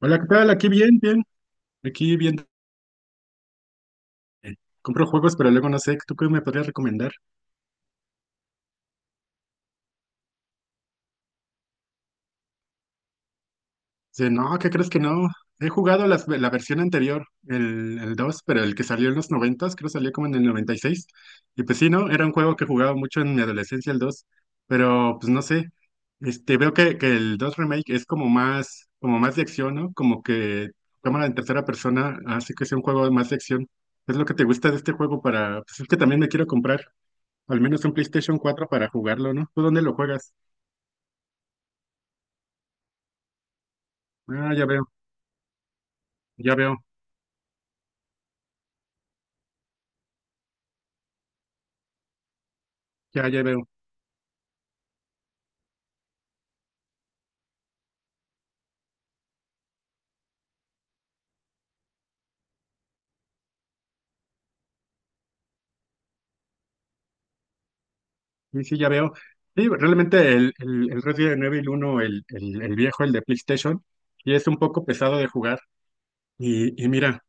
Hola, ¿qué tal? Aquí bien, bien. Aquí bien. Compro juegos, pero luego no sé, ¿tú qué me podrías recomendar? Dice, no, ¿qué crees que no? He jugado la versión anterior, el 2, pero el que salió en los 90, creo que salió como en el noventa y seis. Y pues sí, ¿no? Era un juego que jugaba mucho en mi adolescencia, el dos. Pero pues no sé, este, veo que el 2 Remake es como más de acción, ¿no? Como que cámara en tercera persona, así que es un juego más de acción. Es lo que te gusta de este juego para, pues es que también me quiero comprar. Al menos un PlayStation cuatro para jugarlo, ¿no? ¿Tú dónde lo juegas? Ah, ya veo, ya veo, ya, ya veo. Sí, sí, ya veo. Sí, realmente el Resident Evil uno, el viejo, el de PlayStation, y es un poco pesado de jugar. Y mira,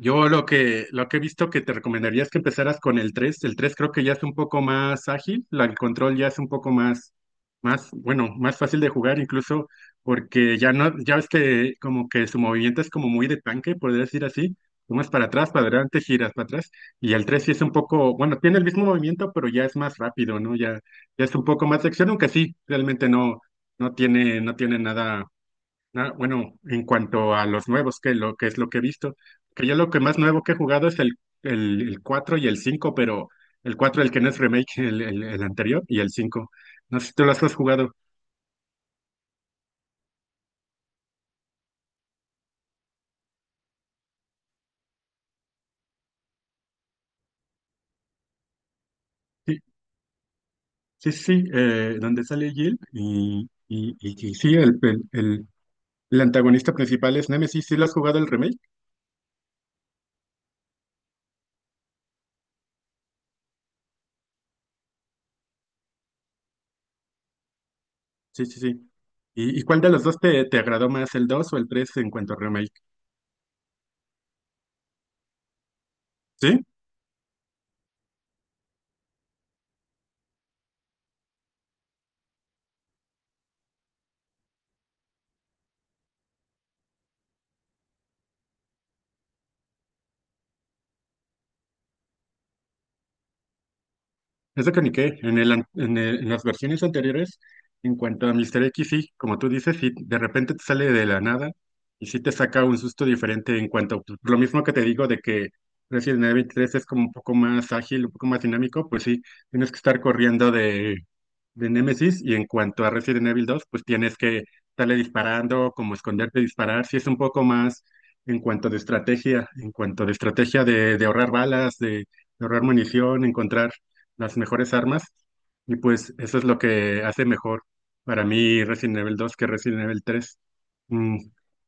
yo lo que he visto que te recomendaría es que empezaras con el 3. El 3 creo que ya es un poco más ágil, el control ya es un poco más, bueno, más fácil de jugar incluso porque ya no, ya ves que como que su movimiento es como muy de tanque, podría decir así. Tomas para atrás, para adelante, giras para atrás. Y el 3 sí es un poco, bueno, tiene el mismo movimiento, pero ya es más rápido, ¿no? Ya, ya es un poco más de acción, aunque sí, realmente no, no tiene nada. Ah, bueno, en cuanto a los nuevos, que lo que es lo que he visto, que yo lo que más nuevo que he jugado es el 4 y el 5, pero el 4 el que no es remake, el anterior, y el 5. No sé si tú los has jugado. Sí, sí, sí, donde sale Jill y sí, el antagonista principal es Nemesis. ¿Sí lo has jugado el remake? Sí, sí, sí. ¿Y cuál de los dos te agradó más, el 2 o el 3 en cuanto a remake? ¿Sí? Es de Koenigsegg. En el, an- en el- en las versiones anteriores, en cuanto a Mr. X, sí, como tú dices, sí, de repente te sale de la nada y sí te saca un susto diferente en cuanto, pues, lo mismo que te digo de que Resident Evil tres es como un poco más ágil, un poco más dinámico, pues sí, tienes que estar corriendo de, Nemesis y en cuanto a Resident Evil dos, pues tienes que estarle disparando, como esconderte, disparar, sí es un poco más en cuanto de estrategia de ahorrar balas, de ahorrar munición, encontrar las mejores armas. Y pues eso es lo que hace mejor para mí Resident Evil 2 que Resident Evil 3. Mm,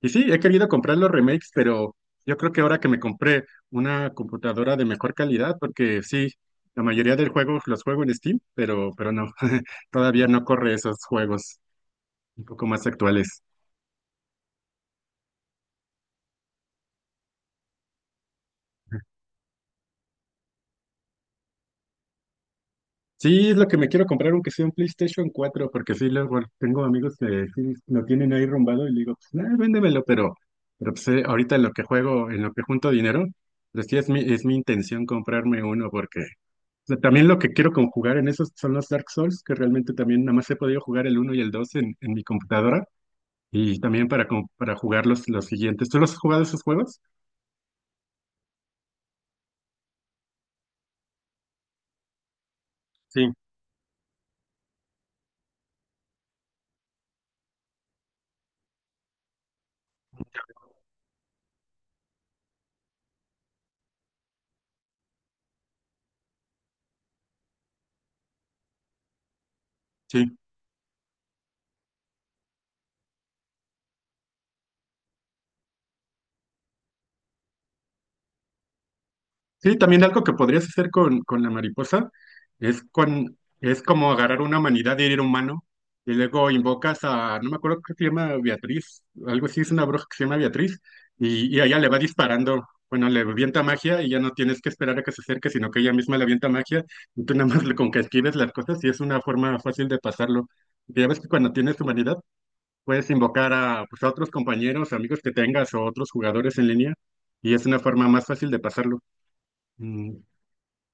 Y sí, he querido comprar los remakes, pero yo creo que ahora que me compré una computadora de mejor calidad, porque sí, la mayoría de juegos los juego en Steam, pero no, todavía no corre esos juegos un poco más actuales. Sí, es lo que me quiero comprar, aunque sea un PlayStation cuatro porque sí, luego tengo amigos que sí lo tienen ahí rumbado y le digo, pues nada, véndemelo, pero pues ahorita en lo que juego, en lo que junto dinero, pues sí es mi, intención comprarme uno, porque o sea, también lo que quiero conjugar en esos son los Dark Souls, que realmente también nada más he podido jugar el uno y el 2 en, mi computadora, y también para, para jugar los siguientes. ¿Tú los has jugado esos juegos? Sí, sí. Sí, también algo que podrías hacer con la mariposa es, con, es como agarrar una humanidad de ir humano y luego invocas a, no me acuerdo qué se llama Beatriz, algo así, es una bruja que se llama Beatriz, y a ella le va disparando, bueno, le avienta magia y ya no tienes que esperar a que se acerque, sino que ella misma le avienta magia y tú nada más con que esquives las cosas y es una forma fácil de pasarlo. Porque ya ves que cuando tienes humanidad puedes invocar a, pues, a otros compañeros, amigos que tengas o otros jugadores en línea y es una forma más fácil de pasarlo. Mm,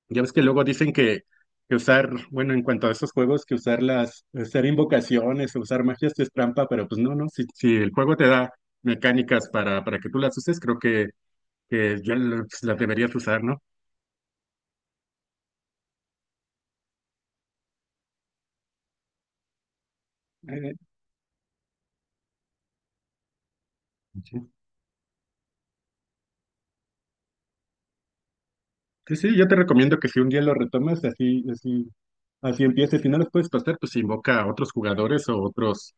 ya ves que luego dicen que usar, bueno, en cuanto a esos juegos, que usar usar invocaciones o usar magias es trampa, pero pues no, no, si el juego te da mecánicas para que tú las uses, creo que las deberías usar, ¿no? Eh, sí, sí, sí, yo te recomiendo que si un día lo retomas, así, así empieces. Si no las puedes pasar, pues invoca a otros jugadores o otros.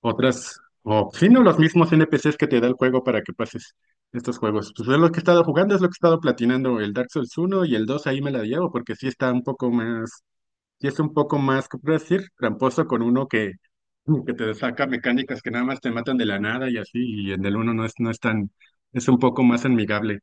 Otras, o sí, no, los mismos N P NPCs que te da el juego para que pases estos juegos. Pues es lo que he estado jugando, es lo que he estado platinando, el Dark Souls uno y el dos ahí me la llevo, porque sí está un poco más, sí es un poco más, ¿cómo puedo decir? Tramposo con uno que te saca mecánicas que nada más te matan de la nada y así, y en el uno no es tan, es un poco más amigable.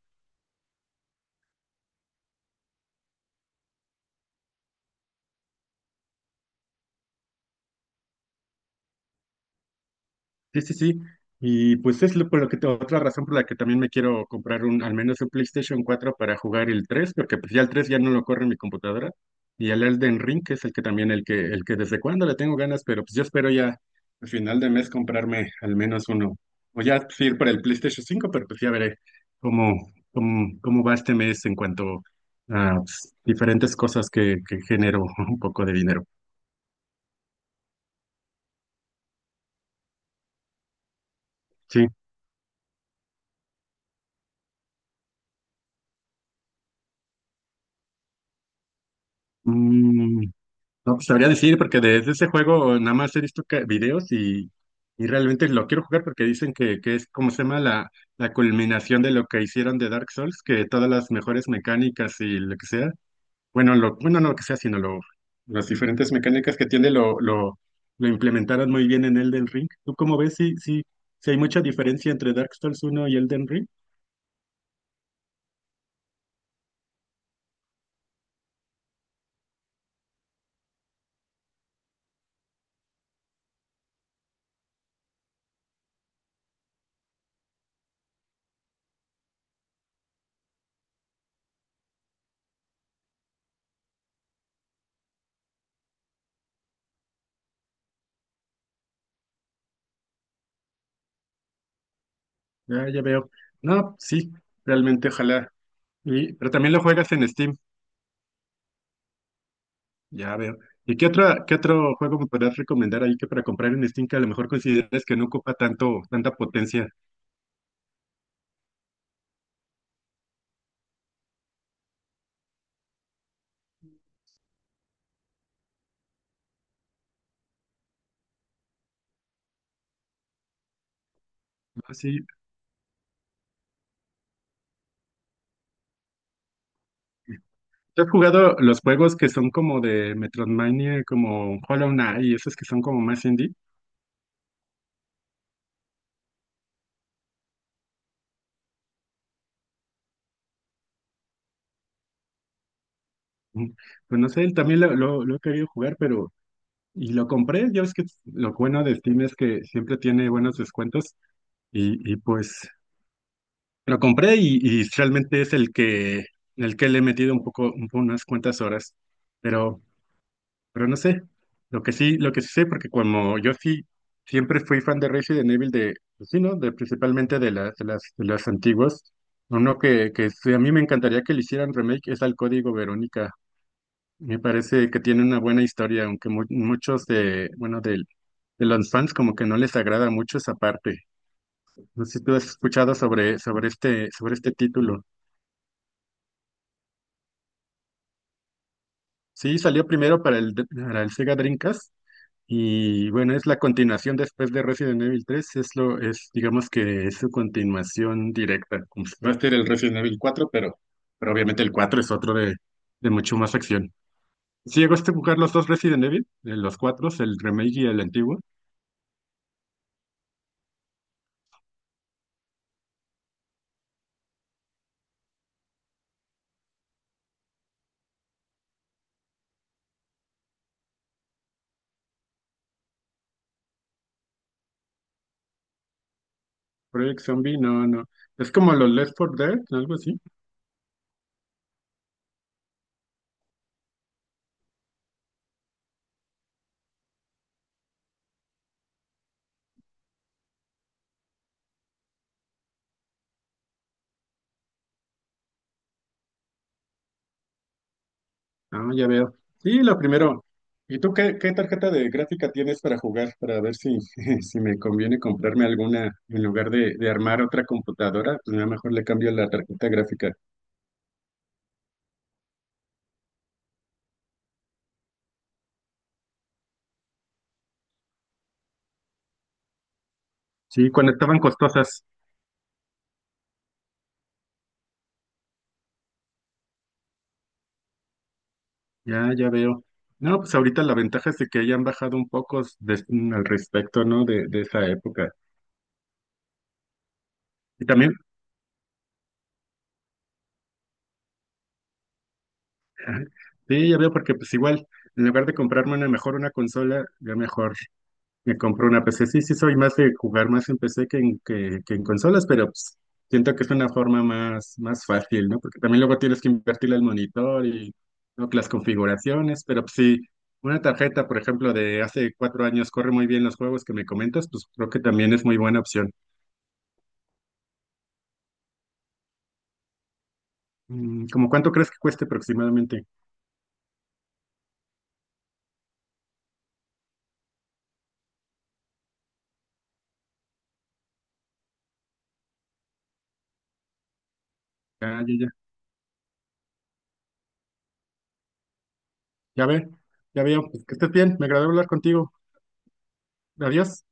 Sí, sí, sí. Y pues es lo, por lo que te- otra razón por la que también me quiero comprar al menos un PlayStation cuatro para jugar el 3 porque pues ya el 3 ya no lo corre mi computadora. Y el Elden Ring, que es el que también el que desde cuándo le tengo ganas, pero pues yo espero ya al final de mes comprarme al menos uno. O ya pues, ir para el PlayStation cinco pero pues ya veré cómo va este mes en cuanto a pues, diferentes cosas que genero un poco de dinero. Sí. Mm, No pues, sabría decir, porque de ese juego nada más he visto videos y realmente lo quiero jugar porque dicen que es, como se llama?, la culminación de lo que hicieron de Dark Souls, que todas las mejores mecánicas y lo que sea, bueno, no lo que sea, sino las diferentes mecánicas que tiene lo implementaron muy bien en Elden Ring. ¿Tú cómo ves? Sí, sí, sí hay mucha diferencia entre Dark Souls uno y Elden Ring. Ya, ya veo. No, sí, realmente, ojalá. Y, pero también lo juegas en Steam. Ya veo. ¿Y qué otra, qué otro juego me podrías recomendar ahí que para comprar en Steam que a lo mejor consideres que no ocupa tanto, tanta potencia? Ah, sí. ¿Tú has jugado los juegos que son como de Metroidvania, como Hollow Knight y esos que son como más indie? Ujú. Pues no sé, también lo he querido jugar. Pero... Y lo compré, ya ves que lo bueno de Steam es que siempre tiene buenos descuentos y pues lo compré y realmente es el que le he metido un poco, un po- unas cuantas horas. Pero Pero no sé, lo que sí sé, porque como yo sí siempre fui fan de Resident Evil de, pues sí, ¿no? De principalmente de las antiguas. Uno que sí, a mí me encantaría que le hicieran remake es al Código Verónica. Me parece que tiene una buena historia, aunque muchos de, bueno, de, los fans como que no les agrada mucho esa parte. No sé si tú has escuchado sobre este título. Sí, salió primero para el, Sega Dreamcast. Y bueno, es la continuación después de Resident Evil tres digamos que es su continuación directa, como si fuera a ser el Resident Evil cuatro pero obviamente el 4 es otro de mucho más acción. Si llegaste a jugar los dos Resident Evil, los cuatro, el remake y el antiguo, Project Zombie, no, no. Es como los Left 4 Dead, algo así. Ah, ya veo. Sí, lo primero. ¿Y tú qué tarjeta de gráfica tienes para jugar? Para ver si, si me conviene comprarme alguna en lugar de armar otra computadora. Pues, a lo mejor le cambio la tarjeta gráfica. Sí, cuando estaban costosas. Ya, ya veo. No, pues ahorita la ventaja es de que hayan bajado un poco al respecto, ¿no? De esa época. Y también, ajá, sí, ya veo, porque pues igual, en lugar de comprarme una mejor una consola, ya mejor. Me compré una PC. Sí, sí, soy más de jugar más en PC que en consolas, pero pues, siento que es una forma más fácil, ¿no? Porque también luego tienes que invertirle al monitor y ¿no? que las configuraciones, pero pues, sí, una tarjeta, por ejemplo, de hace cuatro años corre muy bien los juegos que me comentas, pues creo que también es muy buena opción. ¿Cómo cuánto crees que cueste aproximadamente? Ya, ya, ya. Ya ve, ya veo. Pues, que estés bien, me agradó hablar contigo. Adiós.